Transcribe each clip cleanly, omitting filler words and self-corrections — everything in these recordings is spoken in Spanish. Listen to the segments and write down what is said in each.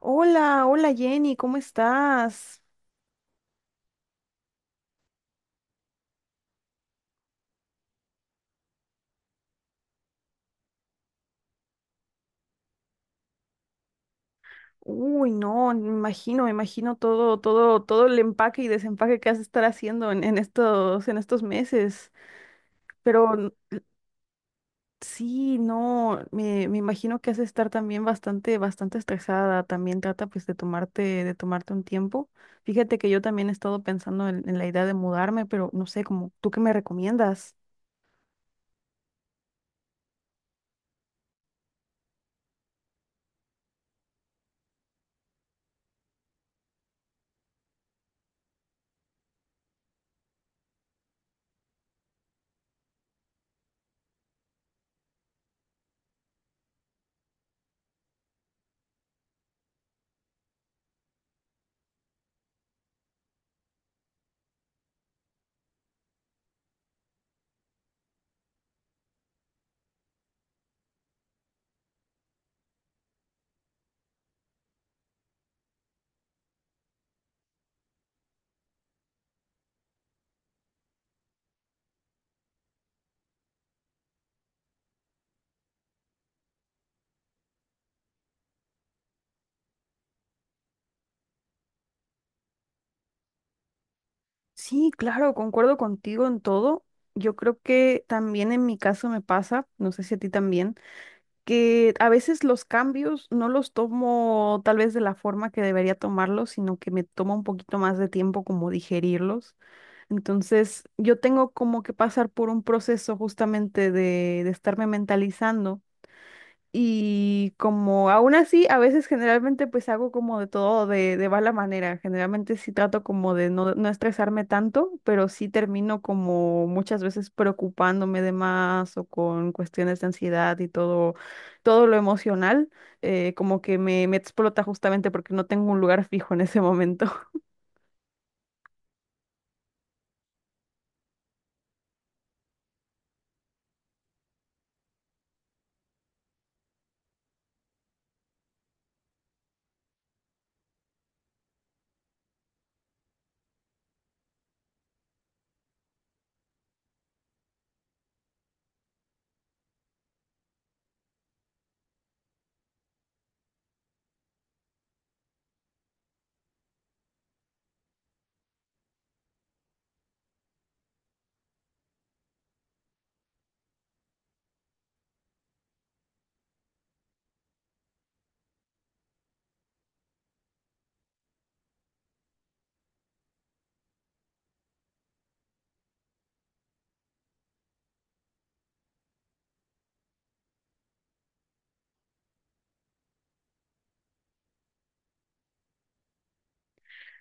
Hola, hola Jenny, ¿cómo estás? Uy, no, me imagino, me imagino, todo, todo, todo el empaque y desempaque que has de estar haciendo en estos meses. Pero n- sí, no, me imagino que has de estar también bastante, bastante estresada. También trata pues de tomarte un tiempo. Fíjate que yo también he estado pensando en la idea de mudarme, pero no sé, como, ¿tú qué me recomiendas? Sí, claro, concuerdo contigo en todo. Yo creo que también en mi caso me pasa, no sé si a ti también, que a veces los cambios no los tomo tal vez de la forma que debería tomarlos, sino que me toma un poquito más de tiempo como digerirlos. Entonces, yo tengo como que pasar por un proceso justamente de estarme mentalizando y como aún así, a veces generalmente pues hago como de todo de mala manera. Generalmente sí trato como de no, no estresarme tanto, pero sí termino como muchas veces preocupándome de más o con cuestiones de ansiedad y todo, todo lo emocional, como que me explota justamente porque no tengo un lugar fijo en ese momento.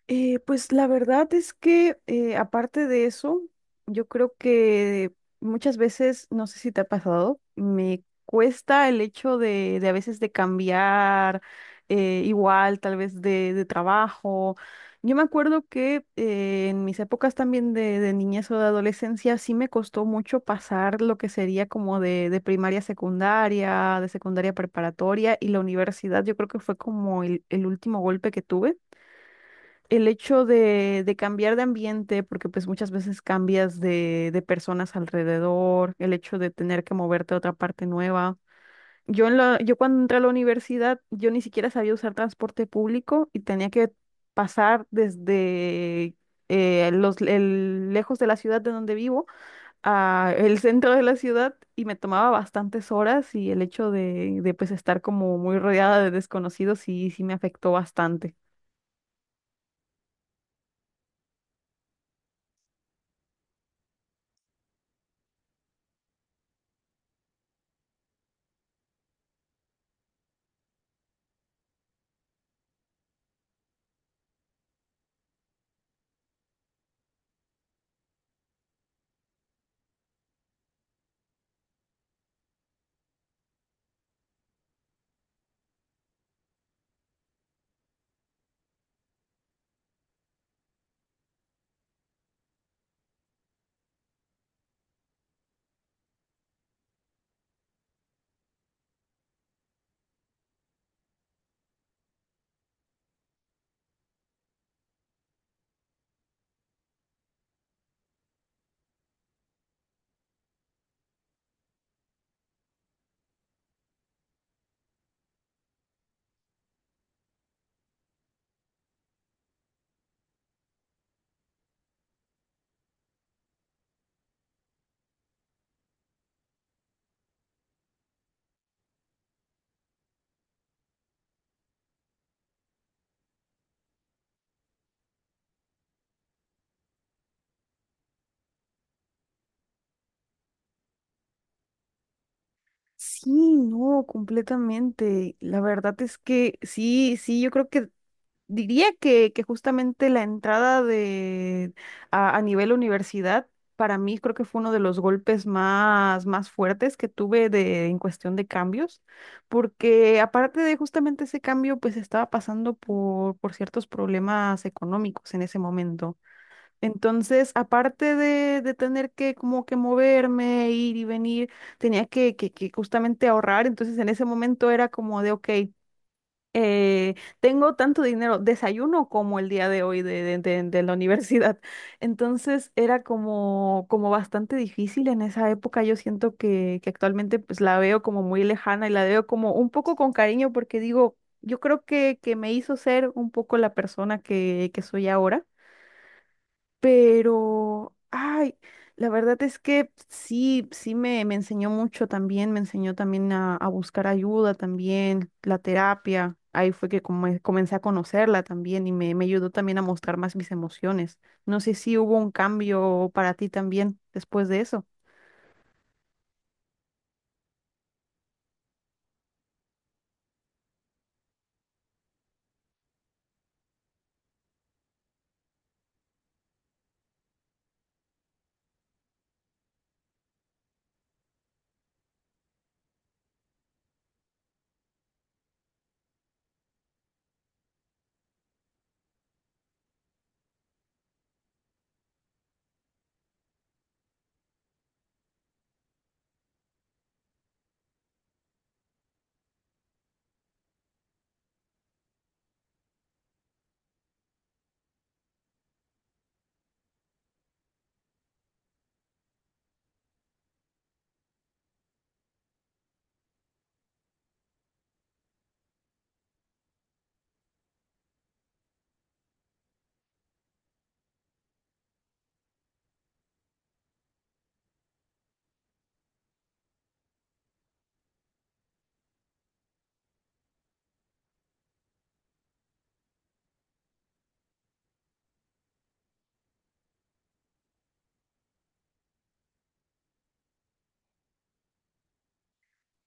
Pues la verdad es que aparte de eso, yo creo que muchas veces, no sé si te ha pasado, me cuesta el hecho de a veces de cambiar, igual, tal vez de trabajo. Yo me acuerdo que en mis épocas también de niñez o de adolescencia sí me costó mucho pasar lo que sería como de primaria a secundaria, de secundaria a preparatoria y la universidad, yo creo que fue como el último golpe que tuve, el hecho de cambiar de ambiente, porque pues muchas veces cambias de personas alrededor, el hecho de tener que moverte a otra parte nueva. Yo cuando entré a la universidad, yo ni siquiera sabía usar transporte público y tenía que pasar desde lejos de la ciudad de donde vivo a el centro de la ciudad y me tomaba bastantes horas y el hecho de pues estar como muy rodeada de desconocidos, sí, sí me afectó bastante. Sí, no, completamente. La verdad es que sí, sí, yo creo que diría que justamente la entrada a nivel universidad, para mí creo que fue uno de los golpes más, más fuertes que tuve de, en cuestión de cambios, porque aparte de justamente ese cambio, pues estaba pasando por ciertos problemas económicos en ese momento. Entonces, aparte de tener que como que moverme, ir y venir, tenía que justamente ahorrar. Entonces, en ese momento era como de, ok, tengo tanto dinero, desayuno como el día de hoy de la universidad. Entonces, era como, como bastante difícil en esa época. Yo siento que actualmente pues la veo como muy lejana y la veo como un poco con cariño porque digo, yo creo que me hizo ser un poco la persona que soy ahora. Pero, ay, la verdad es que sí, sí me enseñó mucho también, me enseñó también a buscar ayuda también, la terapia. Ahí fue que comencé a conocerla también y me ayudó también a mostrar más mis emociones. No sé si hubo un cambio para ti también después de eso.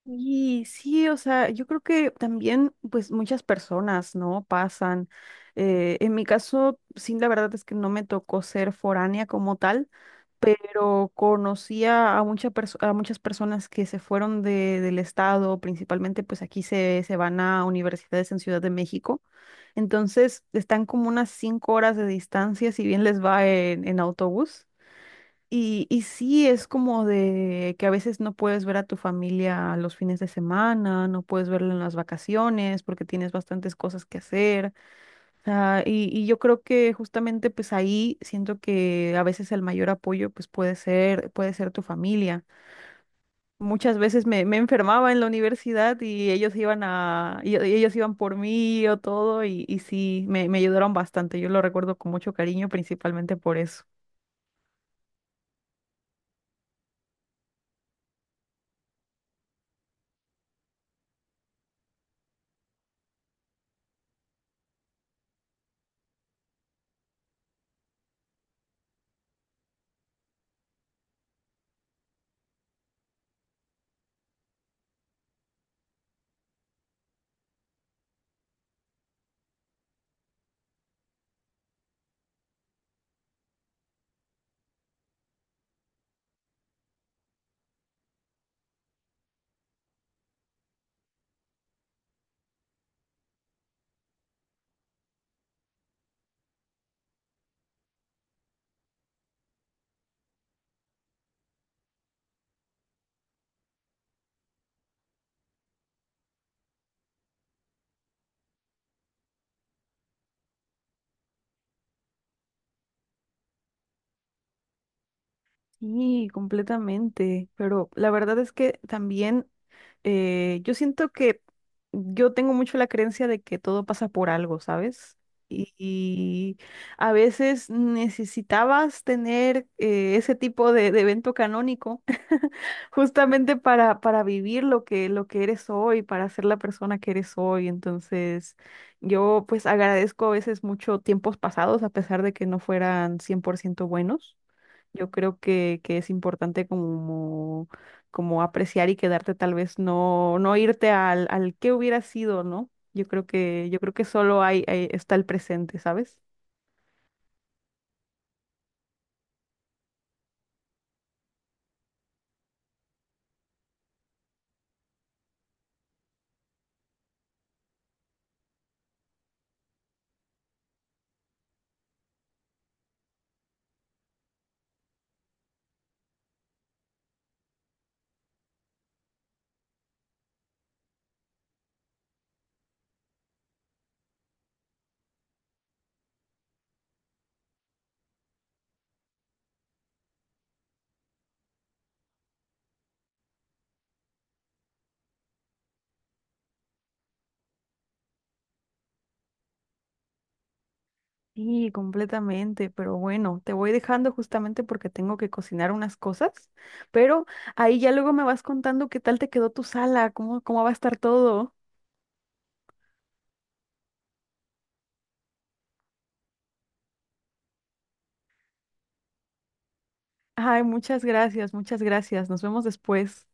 Y sí, o sea, yo creo que también, pues muchas personas, ¿no? Pasan. En mi caso, sí, la verdad es que no me tocó ser foránea como tal, pero conocía a, a muchas personas que se fueron del estado, principalmente pues aquí se, se van a universidades en Ciudad de México, entonces están como unas 5 horas de distancia, si bien les va en autobús. Y sí, es como de que a veces no puedes ver a tu familia los fines de semana, no puedes verla en las vacaciones porque tienes bastantes cosas que hacer, sea, y yo creo que justamente pues ahí siento que a veces el mayor apoyo pues puede ser tu familia. Muchas veces me, me enfermaba en la universidad y ellos iban a, y ellos iban por mí o todo y sí, me ayudaron bastante. Yo lo recuerdo con mucho cariño, principalmente por eso. Sí, completamente. Pero la verdad es que también, yo siento que yo tengo mucho la creencia de que todo pasa por algo, ¿sabes? Y a veces necesitabas tener, ese tipo de evento canónico justamente para vivir lo que eres hoy, para ser la persona que eres hoy. Entonces, yo pues agradezco a veces mucho tiempos pasados, a pesar de que no fueran 100% buenos. Yo creo que es importante como, como apreciar y quedarte tal vez no, no irte al, al qué hubiera sido, ¿no? Yo creo que solo hay, está el presente, ¿sabes? Sí, completamente, pero bueno, te voy dejando justamente porque tengo que cocinar unas cosas, pero ahí ya luego me vas contando qué tal te quedó tu sala, cómo, cómo va a estar todo. Ay, muchas gracias, muchas gracias. Nos vemos después.